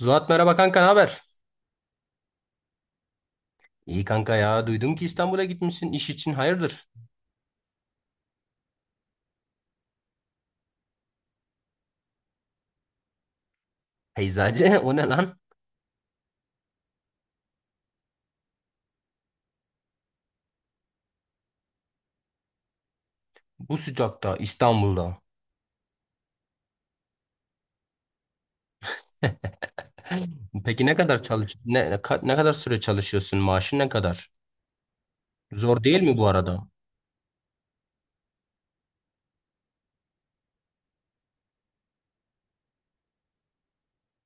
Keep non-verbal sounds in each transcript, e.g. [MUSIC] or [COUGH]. Zuhat merhaba kanka ne haber? İyi kanka ya duydum ki İstanbul'a gitmişsin iş için hayırdır? Peyzacı [LAUGHS] o ne lan? Bu sıcakta İstanbul'da. [LAUGHS] Peki ne kadar çalış ne, ne ka- ne kadar süre çalışıyorsun? Maaşın ne kadar? Zor değil mi bu arada?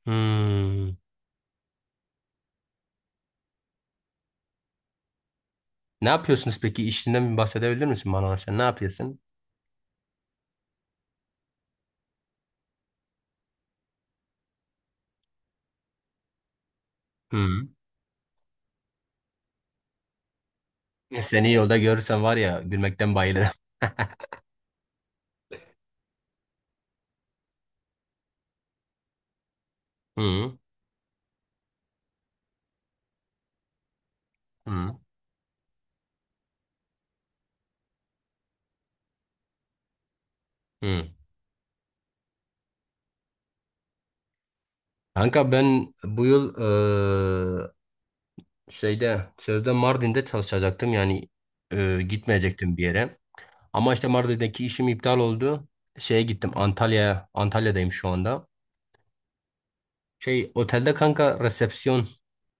Hmm. Ne yapıyorsunuz peki? İşinden bir bahsedebilir misin bana? Sen ne yapıyorsun? Hmm. Seni yolda görürsem var ya gülmekten bayılırım. [LAUGHS] Hmm. Hmm. Hmm. Kanka ben bu yıl şeyde sözde Mardin'de çalışacaktım yani gitmeyecektim bir yere. Ama işte Mardin'deki işim iptal oldu. Şeye gittim Antalya'ya. Antalya'dayım şu anda. Şey otelde kanka resepsiyon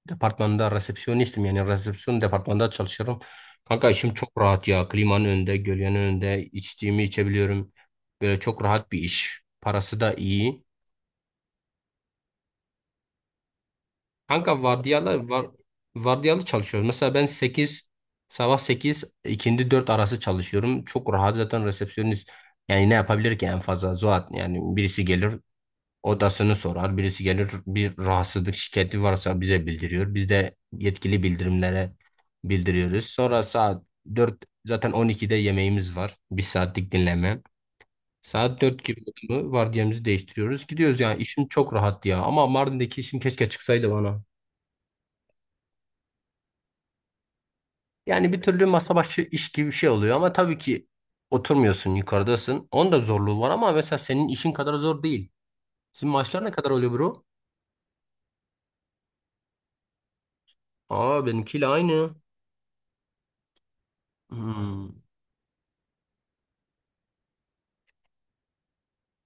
departmanında resepsiyonistim yani resepsiyon departmanında çalışıyorum. Kanka işim çok rahat ya. Klimanın önünde, gölgenin önünde içtiğimi içebiliyorum. Böyle çok rahat bir iş. Parası da iyi. Kanka vardiyalar var, vardiyalı çalışıyoruz. Mesela ben sabah 8 ikindi 4 arası çalışıyorum. Çok rahat zaten resepsiyonist. Yani ne yapabilir ki en fazla Zuhat, yani birisi gelir odasını sorar. Birisi gelir bir rahatsızlık şikayeti varsa bize bildiriyor. Biz de yetkili bildirimlere bildiriyoruz. Sonra saat 4, zaten 12'de yemeğimiz var. Bir saatlik dinleme. Saat 4 gibi oldu mu vardiyamızı değiştiriyoruz. Gidiyoruz, yani işim çok rahat ya. Ama Mardin'deki işim keşke çıksaydı bana. Yani bir türlü masa başı iş gibi bir şey oluyor ama tabii ki oturmuyorsun, yukarıdasın. Onun da zorluğu var ama mesela senin işin kadar zor değil. Sizin maaşlar ne kadar oluyor bro? Aa, benimkiyle aynı. Hmm.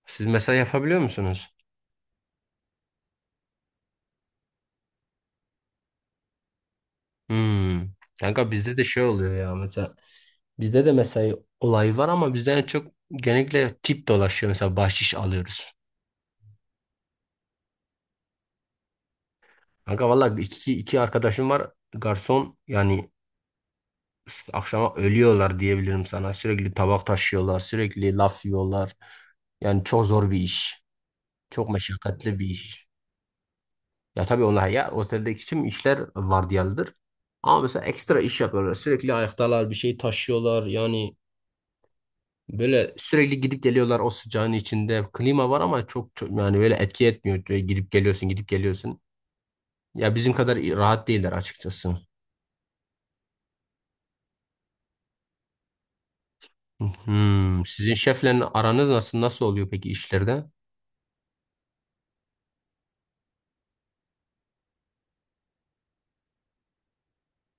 Siz mesela yapabiliyor musunuz? Hmm. Kanka bizde de şey oluyor ya mesela. Bizde de mesai olayı var ama bizden çok genellikle tip dolaşıyor. Mesela bahşiş alıyoruz. Kanka valla iki, iki arkadaşım var garson, yani işte akşama ölüyorlar diyebilirim sana. Sürekli tabak taşıyorlar, sürekli laf yiyorlar. Yani çok zor bir iş. Çok meşakkatli bir iş. Ya tabii onlar ya, oteldeki tüm işler vardiyalıdır. Ama mesela ekstra iş yapıyorlar. Sürekli ayaktalar, bir şey taşıyorlar. Yani böyle sürekli gidip geliyorlar o sıcağın içinde. Klima var ama çok, çok yani böyle etki etmiyor. Böyle gidip geliyorsun, gidip geliyorsun. Ya bizim kadar rahat değiller açıkçası. Hmm, sizin şefle aranız nasıl oluyor peki işlerde?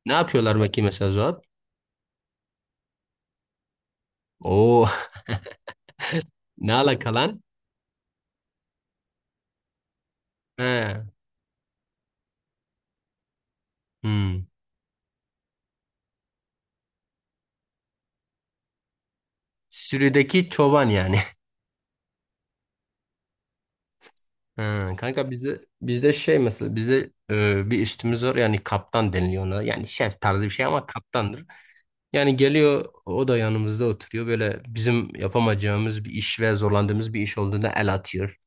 Ne yapıyorlar bakayım mesela Zuhat? Oo, [LAUGHS] ne alaka lan? He. Hmm. Sürüdeki çoban yani. [LAUGHS] He, kanka bizde şey, mesela bizde bir üstümüz var, yani kaptan deniliyor ona. Yani şef tarzı bir şey ama kaptandır. Yani geliyor o da yanımızda oturuyor. Böyle bizim yapamayacağımız bir iş ve zorlandığımız bir iş olduğunda el atıyor.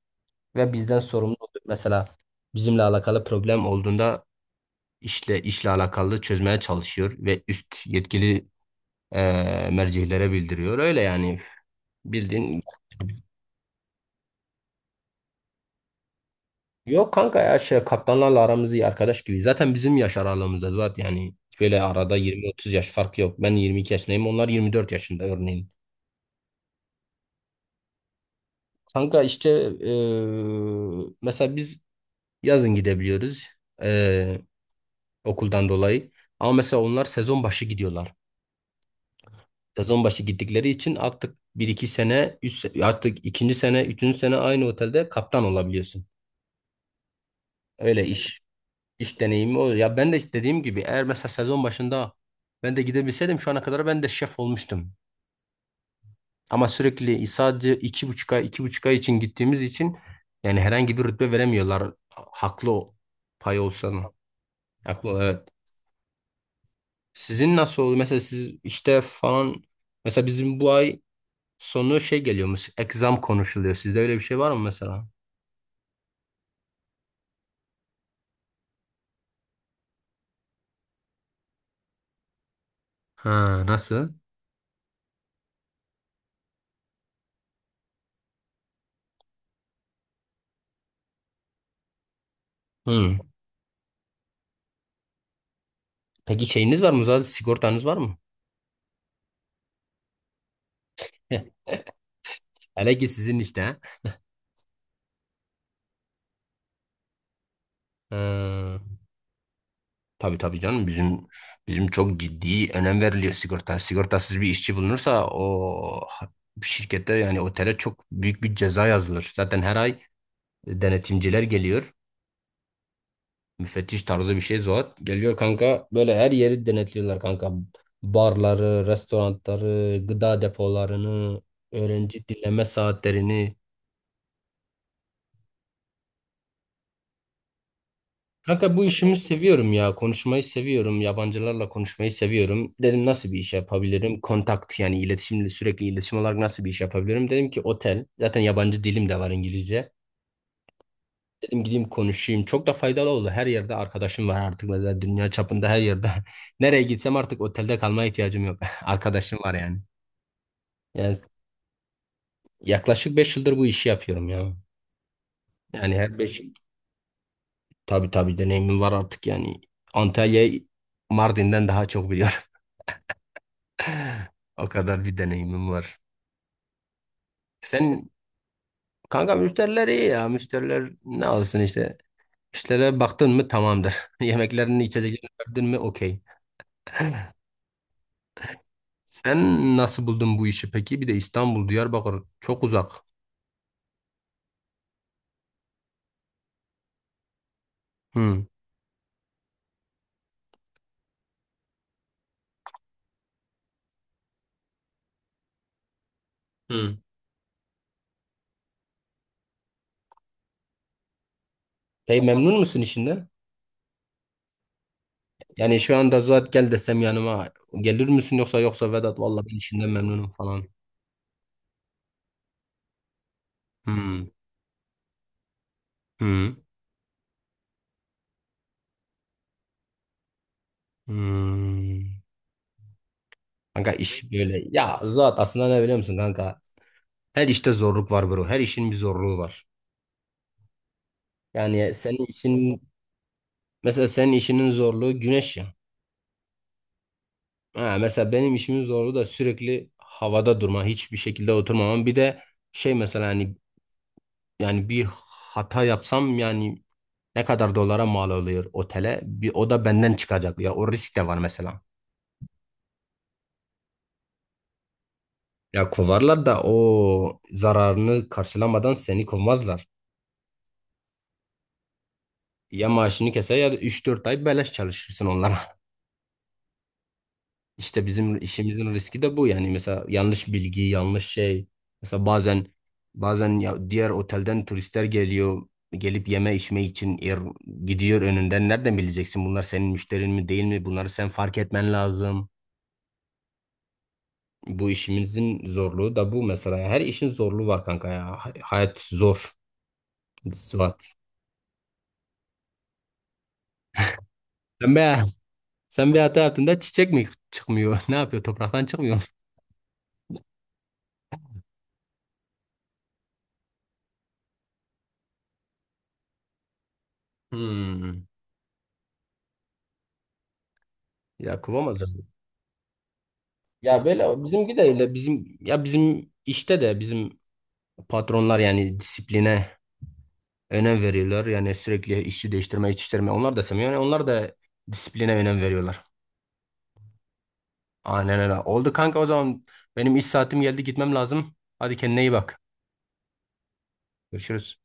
Ve bizden sorumlu oluyor. Mesela bizimle alakalı problem olduğunda işle alakalı çözmeye çalışıyor ve üst yetkili mercihlere bildiriyor. Öyle yani bildiğin. Yok kanka ya şey, kaptanlarla aramız iyi, arkadaş gibi. Zaten bizim yaş aralığımızda zaten yani böyle arada 20-30 yaş fark yok. Ben 22 yaşındayım, onlar 24 yaşında örneğin. Kanka işte mesela biz yazın gidebiliyoruz, e, okuldan dolayı. Ama mesela onlar sezon başı gidiyorlar. Sezon başı gittikleri için artık bir iki sene, üç, se- artık ikinci sene, üçüncü sene aynı otelde kaptan olabiliyorsun. Öyle iş. İş deneyimi o. Ya ben de istediğim gibi, eğer mesela sezon başında ben de gidebilseydim şu ana kadar ben de şef olmuştum. Ama sürekli sadece iki buçuk ay için gittiğimiz için yani herhangi bir rütbe veremiyorlar. Haklı o pay olsan. Haklı ol, evet. Sizin nasıl oldu? Mesela siz işte falan, mesela bizim bu ay sonu şey geliyormuş. Exam konuşuluyor. Sizde öyle bir şey var mı mesela? Ha, nasıl? Hmm. Peki şeyiniz var mı? Zaten sigortanız var mı? Heh, hele ki sizin işte. Ha. Ha. Tabii tabii canım, bizim çok ciddi önem veriliyor sigorta. Sigortasız bir işçi bulunursa o şirkette yani otele çok büyük bir ceza yazılır. Zaten her ay denetimciler geliyor. Müfettiş tarzı bir şey Zuhat. Geliyor kanka böyle her yeri denetliyorlar kanka. Barları, restoranları, gıda depolarını, öğrenci dinleme saatlerini. Kanka bu işimi seviyorum ya. Konuşmayı seviyorum. Yabancılarla konuşmayı seviyorum. Dedim nasıl bir iş yapabilirim? Kontakt yani iletişimle, sürekli iletişim olarak nasıl bir iş yapabilirim? Dedim ki otel. Zaten yabancı dilim de var, İngilizce. Dedim gideyim konuşayım. Çok da faydalı oldu. Her yerde arkadaşım var artık. Mesela dünya çapında her yerde. [LAUGHS] Nereye gitsem artık otelde kalmaya ihtiyacım yok. [LAUGHS] Arkadaşım var yani. Yani yaklaşık 5 yıldır bu işi yapıyorum ya. Yani her 5 tabii tabii deneyimim var artık yani. Antalya'yı Mardin'den daha çok biliyorum. O kadar bir deneyimim var. Sen kanka, müşteriler iyi ya. Müşteriler ne alsın işte. İşlere baktın mı tamamdır. [LAUGHS] Yemeklerini, içeceklerini verdin mi okey. Sen nasıl buldun bu işi peki? Bir de İstanbul, Diyarbakır çok uzak. Hı. Hı. Peki memnun musun işinden? Yani şu anda zaten gel desem yanıma gelir misin, yoksa Vedat vallahi ben işinden memnunum falan. Hmm. Hmm. Hmm. Kanka iş böyle. Ya zat aslında ne biliyor musun kanka? Her işte zorluk var bro. Her işin bir zorluğu var. Yani senin işin mesela senin işinin zorluğu güneş ya. Ha, mesela benim işimin zorluğu da sürekli havada durma, hiçbir şekilde oturmamam. Bir de şey mesela hani yani bir hata yapsam yani ne kadar dolara mal oluyor otele? Bir o da benden çıkacak ya. O risk de var mesela. Ya kovarlar da o zararını karşılamadan seni kovmazlar. Ya maaşını keser ya da üç dört ay beleş çalışırsın onlara. [LAUGHS] İşte bizim işimizin riski de bu, yani mesela yanlış bilgi, yanlış şey. Mesela bazen ya diğer otelden turistler geliyor, gelip yeme içme için yer gidiyor önünden. Nereden bileceksin bunlar senin müşterin mi değil mi? Bunları sen fark etmen lazım. Bu işimizin zorluğu da bu mesela. Her işin zorluğu var kanka ya. Hayat zor. Suat. Sen be, sen bir hata yaptığında çiçek mi çıkmıyor? [LAUGHS] Ne yapıyor? Topraktan çıkmıyor. Hmm. Ya kovamadım. Ya böyle bizimki de öyle, bizim ya, bizim işte de bizim patronlar yani disipline önem veriyorlar. Yani sürekli işçi değiştirme, iş değiştirme onlar da sevmiyor. Yani onlar da disipline önem veriyorlar. Aynen öyle. Oldu kanka, o zaman benim iş saatim geldi, gitmem lazım. Hadi kendine iyi bak. Görüşürüz.